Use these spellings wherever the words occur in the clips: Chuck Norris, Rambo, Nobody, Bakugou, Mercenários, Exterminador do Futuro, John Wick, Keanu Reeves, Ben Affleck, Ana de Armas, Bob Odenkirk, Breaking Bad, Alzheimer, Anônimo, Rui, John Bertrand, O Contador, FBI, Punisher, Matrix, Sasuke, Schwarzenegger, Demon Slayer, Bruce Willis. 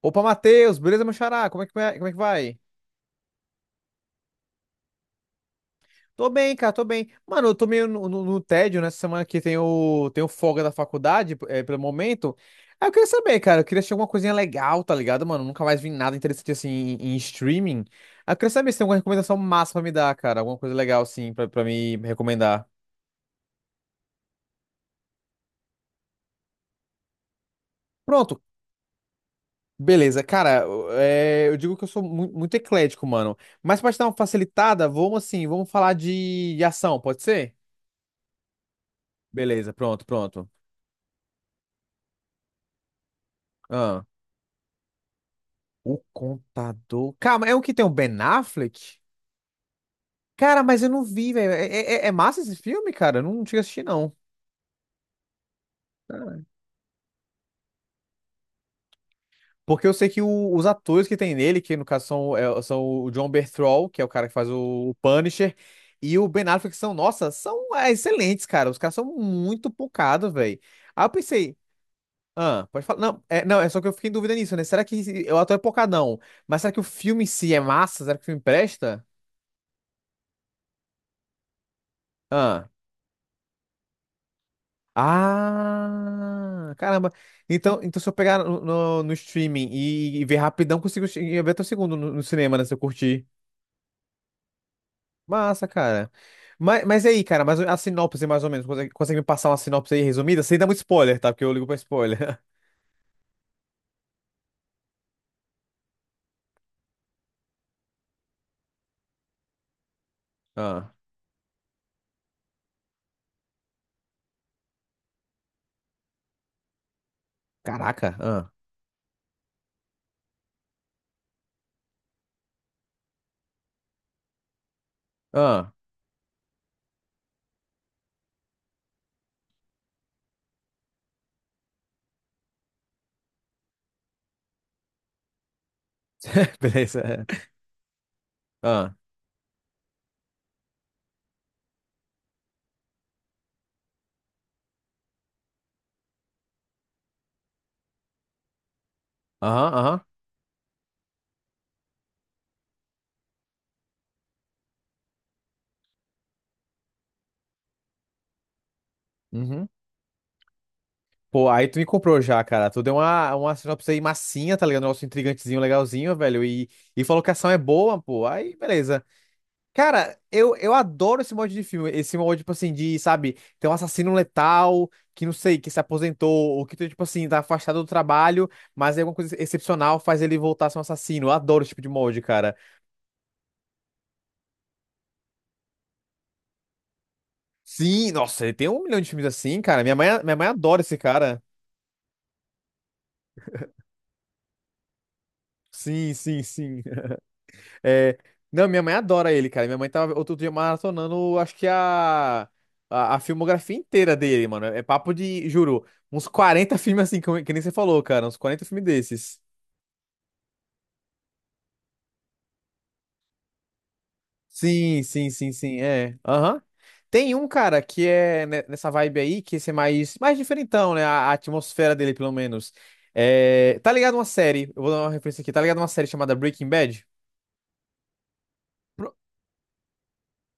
Opa, Matheus, beleza, meu xará? Como é que vai? Tô bem, cara, tô bem. Mano, eu tô meio no tédio nessa semana que tem o folga da faculdade, é, pelo momento. Aí eu queria saber, cara, eu queria assistir alguma coisinha legal, tá ligado, mano? Nunca mais vi nada interessante assim em streaming. Aí eu queria saber se tem alguma recomendação massa pra me dar, cara. Alguma coisa legal, assim, pra me recomendar. Pronto, beleza. Cara, eu digo que eu sou muito eclético, mano. Mas pra te dar uma facilitada, vamos assim, vamos falar de ação, pode ser? Beleza, pronto, pronto. O Contador. Calma, é o que tem o Ben Affleck? Cara, mas eu não vi, velho. É, é massa esse filme, cara? Eu não cheguei a assistir, não. Ah, porque eu sei que os atores que tem nele, que no caso são, são o John Bertrand, que é o cara que faz o Punisher, e o Ben Affleck são, nossa, são excelentes, cara. Os caras são muito pocados, velho. Aí eu pensei, ah, pode falar. Não, é só que eu fiquei em dúvida nisso, né? Será que o ator é pocadão? Mas será que o filme em si é massa? Será que o filme presta? Ah. Ah, caramba. Então, então se eu pegar no streaming e ver rapidão, consigo ver até o segundo no cinema, né? Se eu curtir. Massa, cara. Mas e aí, cara, mas a sinopse, mais ou menos, consegue, consegue me passar uma sinopse aí resumida? Sem dar muito spoiler, tá? Porque eu ligo pra spoiler. Ah, caraca. Ah, ah. Beleza. Ah, aham, aham. Uhum. Pô, aí tu me comprou já, cara. Tu deu uma sinopse aí massinha, tá ligado? Um negócio intrigantezinho, legalzinho, velho. E falou que a ação é boa, pô. Aí, beleza. Cara, eu adoro esse mod de filme. Esse mod, tipo assim, de, sabe, tem um assassino letal, que não sei, que se aposentou, ou que, tipo assim, tá afastado do trabalho, mas aí alguma coisa excepcional faz ele voltar a ser um assassino. Eu adoro esse tipo de mod, cara. Sim, nossa, ele tem um milhão de filmes assim, cara. Minha mãe adora esse cara. Sim, sim, sim. É, não, minha mãe adora ele, cara. Minha mãe tava outro dia maratonando, acho que a filmografia inteira dele, mano. É papo de, juro, uns 40 filmes assim, que nem você falou, cara. Uns 40 filmes desses. Sim, sim, sim, sim, é. Aham. Tem um, cara, que é nessa vibe aí, que esse é mais, mais diferentão, né? A atmosfera dele, pelo menos. É, tá ligado uma série, eu vou dar uma referência aqui, tá ligado uma série chamada Breaking Bad?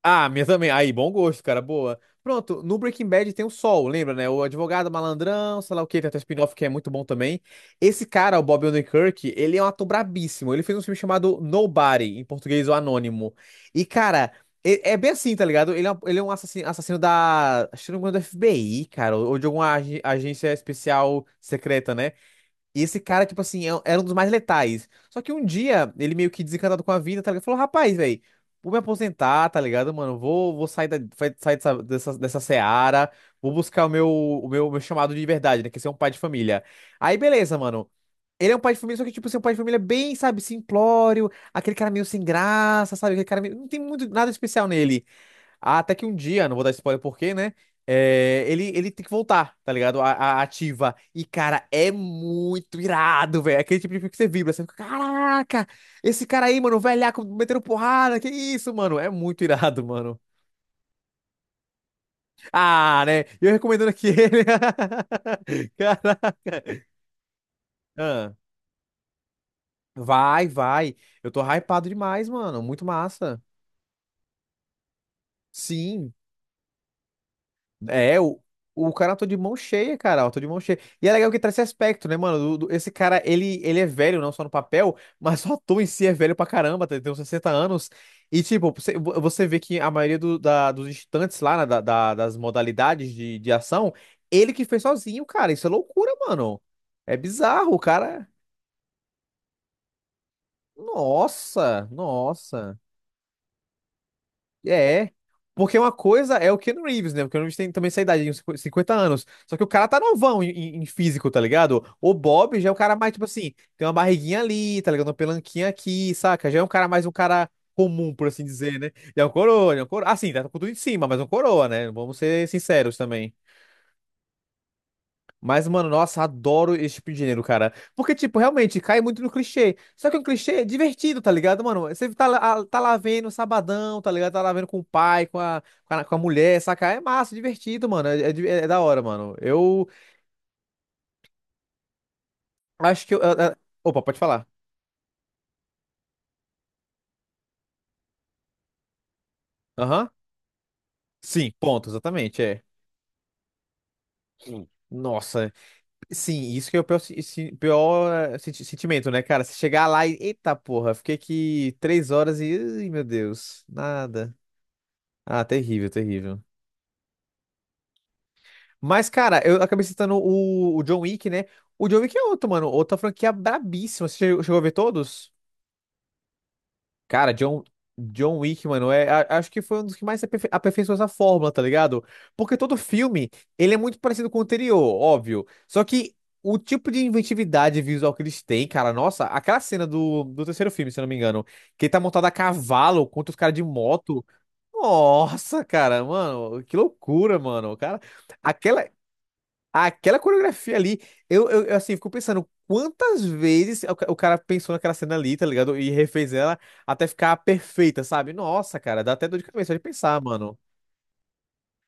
Ah, minha também. Aí, bom gosto, cara. Boa. Pronto, no Breaking Bad tem o Sol, lembra, né? O advogado malandrão, sei lá o quê, tem até o spin-off que é muito bom também. Esse cara, o Bob Odenkirk, ele é um ator brabíssimo. Ele fez um filme chamado Nobody, em português, o Anônimo. E, cara, é, é bem assim, tá ligado? Ele é um assassino, assassino da. Acho que não me engano, da FBI, cara, ou de alguma agência especial secreta, né? E esse cara, tipo assim, era um dos mais letais. Só que um dia, ele meio que desencantado com a vida, tá ligado? Falou, rapaz, velho, vou me aposentar, tá ligado, mano? Vou sair, sair dessa, dessa seara, vou buscar o meu, meu chamado de verdade, né? Que é ser um pai de família. Aí, beleza, mano. Ele é um pai de família, só que, tipo, assim, é um pai de família bem, sabe, simplório, aquele cara meio sem graça, sabe? Aquele cara meio, não tem muito nada especial nele. Ah, até que um dia, não vou dar spoiler porque, né? É, ele tem que voltar, tá ligado? A ativa. E, cara, é muito irado, velho. Aquele tipo de filme que você vibra. Você fica, caraca, esse cara aí, mano, velhaco, metendo porrada. Que isso, mano? É muito irado, mano. Ah, né? E eu recomendando aqui ele. Caraca. Ah, vai, vai. Eu tô hypado demais, mano. Muito massa. Sim. É, o cara tô de mão cheia, cara. Eu tô de mão cheia. E é legal que traz esse aspecto, né, mano? Esse cara, ele é velho, não só no papel, mas só o ator em si é velho pra caramba, tá? Ele tem uns 60 anos. E, tipo, você, você vê que a maioria dos instantes lá, né, das modalidades de ação, ele que fez sozinho, cara. Isso é loucura, mano. É bizarro, o cara. Nossa, nossa. É. Porque uma coisa é o Keanu Reeves, né? O Keanu Reeves tem também essa idade, uns 50 anos. Só que o cara tá novão em físico, tá ligado? O Bob já é o cara mais, tipo assim, tem uma barriguinha ali, tá ligado? Uma pelanquinha aqui, saca? Já é um cara mais um cara comum, por assim dizer, né? Ele é um coroa, ele é um coroa. Assim, tá com tudo em cima, mas é um coroa, né? Vamos ser sinceros também. Mas, mano, nossa, adoro esse tipo de gênero, cara. Porque, tipo, realmente cai muito no clichê. Só que é um clichê divertido, tá ligado, mano? Você tá lá vendo sabadão, tá ligado? Tá lá vendo com o pai, com a mulher, saca? É massa, divertido, mano. É da hora, mano. Eu acho que eu. Opa, pode falar. Aham. Sim, ponto, exatamente, é. Sim. Nossa, sim, isso que é o pior, pior, eh, sentimento, né, cara? Você chegar lá e, eita porra, fiquei aqui três horas e, ai, meu Deus, nada. Ah, terrível, terrível. Mas, cara, eu acabei citando o John Wick, né? O John Wick é outro, mano. Outra franquia brabíssima. Você chegou a ver todos? Cara, John, John Wick, mano, é, acho que foi um dos que mais aperfeiçoou essa fórmula, tá ligado? Porque todo filme, ele é muito parecido com o anterior, óbvio. Só que o tipo de inventividade visual que eles têm, cara, nossa, aquela cena do terceiro filme, se eu não me engano, que ele tá montado a cavalo contra os caras de moto. Nossa, cara, mano, que loucura, mano. Cara, aquela, aquela coreografia ali, eu assim, fico pensando quantas vezes o, o cara pensou naquela cena ali, tá ligado? E refez ela até ficar perfeita, sabe? Nossa, cara, dá até dor de cabeça de pensar, mano.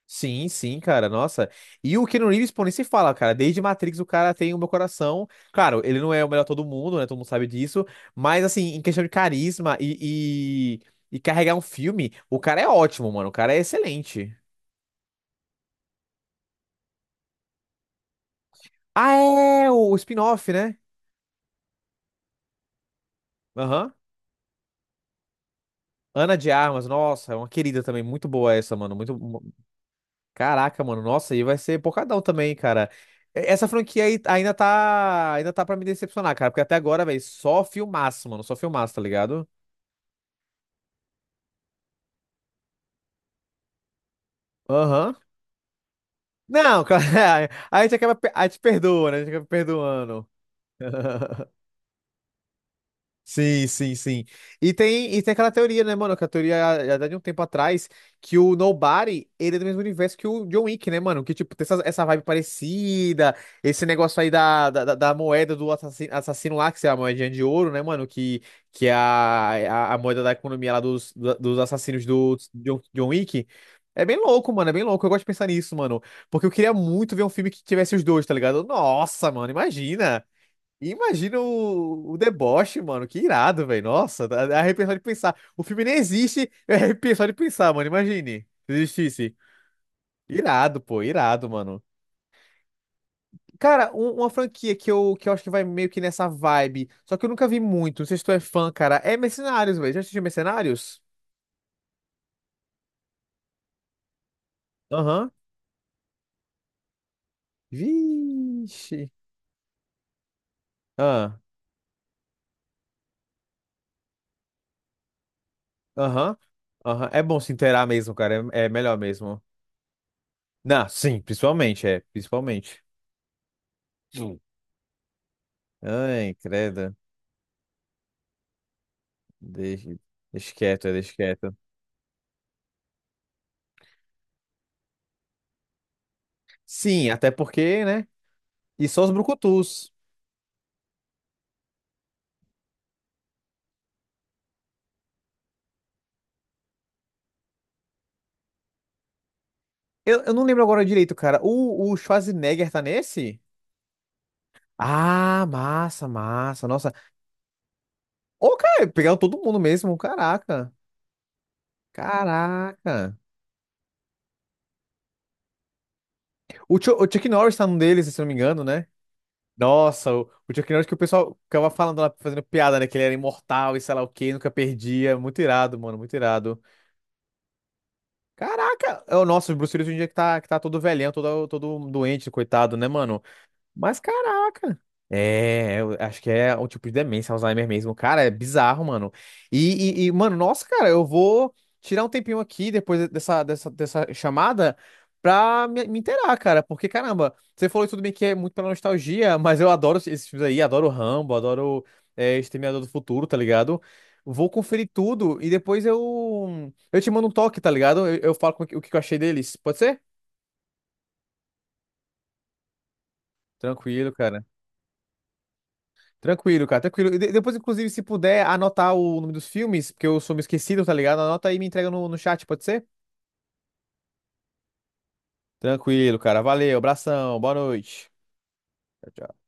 Sim, sim, cara, nossa. E o Keanu Reeves, pô, nem se fala, cara. Desde Matrix o cara tem o meu coração. Claro, ele não é o melhor todo mundo, né? Todo mundo sabe disso. Mas, assim, em questão de carisma e carregar um filme, o cara é ótimo, mano. O cara é excelente. Ah, é o spin-off, né? Aham. Ana de Armas, nossa, é uma querida também, muito boa essa, mano, muito, caraca, mano, nossa, e vai ser porcadão também, cara. Essa franquia aí ainda tá pra me decepcionar, cara, porque até agora, velho, só filmaço, mano, só filmaço, tá ligado? Aham. Não, cara, a gente acaba, a gente perdoa, né, a gente acaba perdoando. Sim, sim, sim. E tem aquela teoria, né, mano? Que a teoria já dá de um tempo atrás que o Nobody, ele é do mesmo universo que o John Wick, né, mano? Que, tipo, tem essa, essa vibe parecida, esse negócio aí da moeda do assassino, assassino lá, que é a moedinha de ouro, né, mano? Que é a moeda da economia lá dos assassinos do John, John Wick. É bem louco, mano, é bem louco. Eu gosto de pensar nisso, mano. Porque eu queria muito ver um filme que tivesse os dois, tá ligado? Nossa, mano, imagina. E imagina o deboche, mano. Que irado, velho. Nossa, dá dá arrepiar só de pensar. O filme nem existe, eu arrepio só de pensar, mano. Imagine se existisse. Irado, pô, irado, mano. Cara, uma franquia que que eu acho que vai meio que nessa vibe, só que eu nunca vi muito, não sei se tu é fã, cara, é Mercenários, velho. Já assistiu Mercenários? Aham. Vixe. Ah, aham. Aham. É bom se inteirar mesmo, cara. É, é melhor mesmo. Não, sim, principalmente, é, principalmente. Sim. Ai, credo. Deixa, deixa quieto, é, deixa quieto. Sim, até porque, né? E só os brucutus. Eu não lembro agora direito, cara. O Schwarzenegger tá nesse? Ah, massa, massa. Nossa. Ô, cara, pegaram todo mundo mesmo. Caraca. Caraca. O, o Chuck Norris tá num deles, se eu não me engano, né? Nossa, o Chuck Norris que o pessoal ficava falando lá, fazendo piada, né? Que ele era imortal e sei lá o quê, nunca perdia. Muito irado, mano, muito irado. Caraca! É o nosso Bruce Willis hoje em dia que tá todo velhão, todo, todo doente, coitado, né, mano? Mas caraca. É, eu acho que é o tipo de demência, Alzheimer mesmo. Cara, é bizarro, mano. Mano, nossa, cara, eu vou tirar um tempinho aqui depois dessa, dessa chamada pra me inteirar, cara. Porque, caramba, você falou tudo bem que é muito pela nostalgia, mas eu adoro esses filmes aí, adoro Rambo, adoro Exterminador do Futuro, tá ligado? Vou conferir tudo e depois eu te mando um toque, tá ligado? Eu falo o que eu achei deles. Pode ser? Tranquilo, cara. Tranquilo, cara, tranquilo. E depois, inclusive, se puder anotar o nome dos filmes, porque eu sou meio esquecido, tá ligado? Anota aí e me entrega no chat, pode ser? Tranquilo, cara. Valeu, abração, boa noite. Tchau, tchau.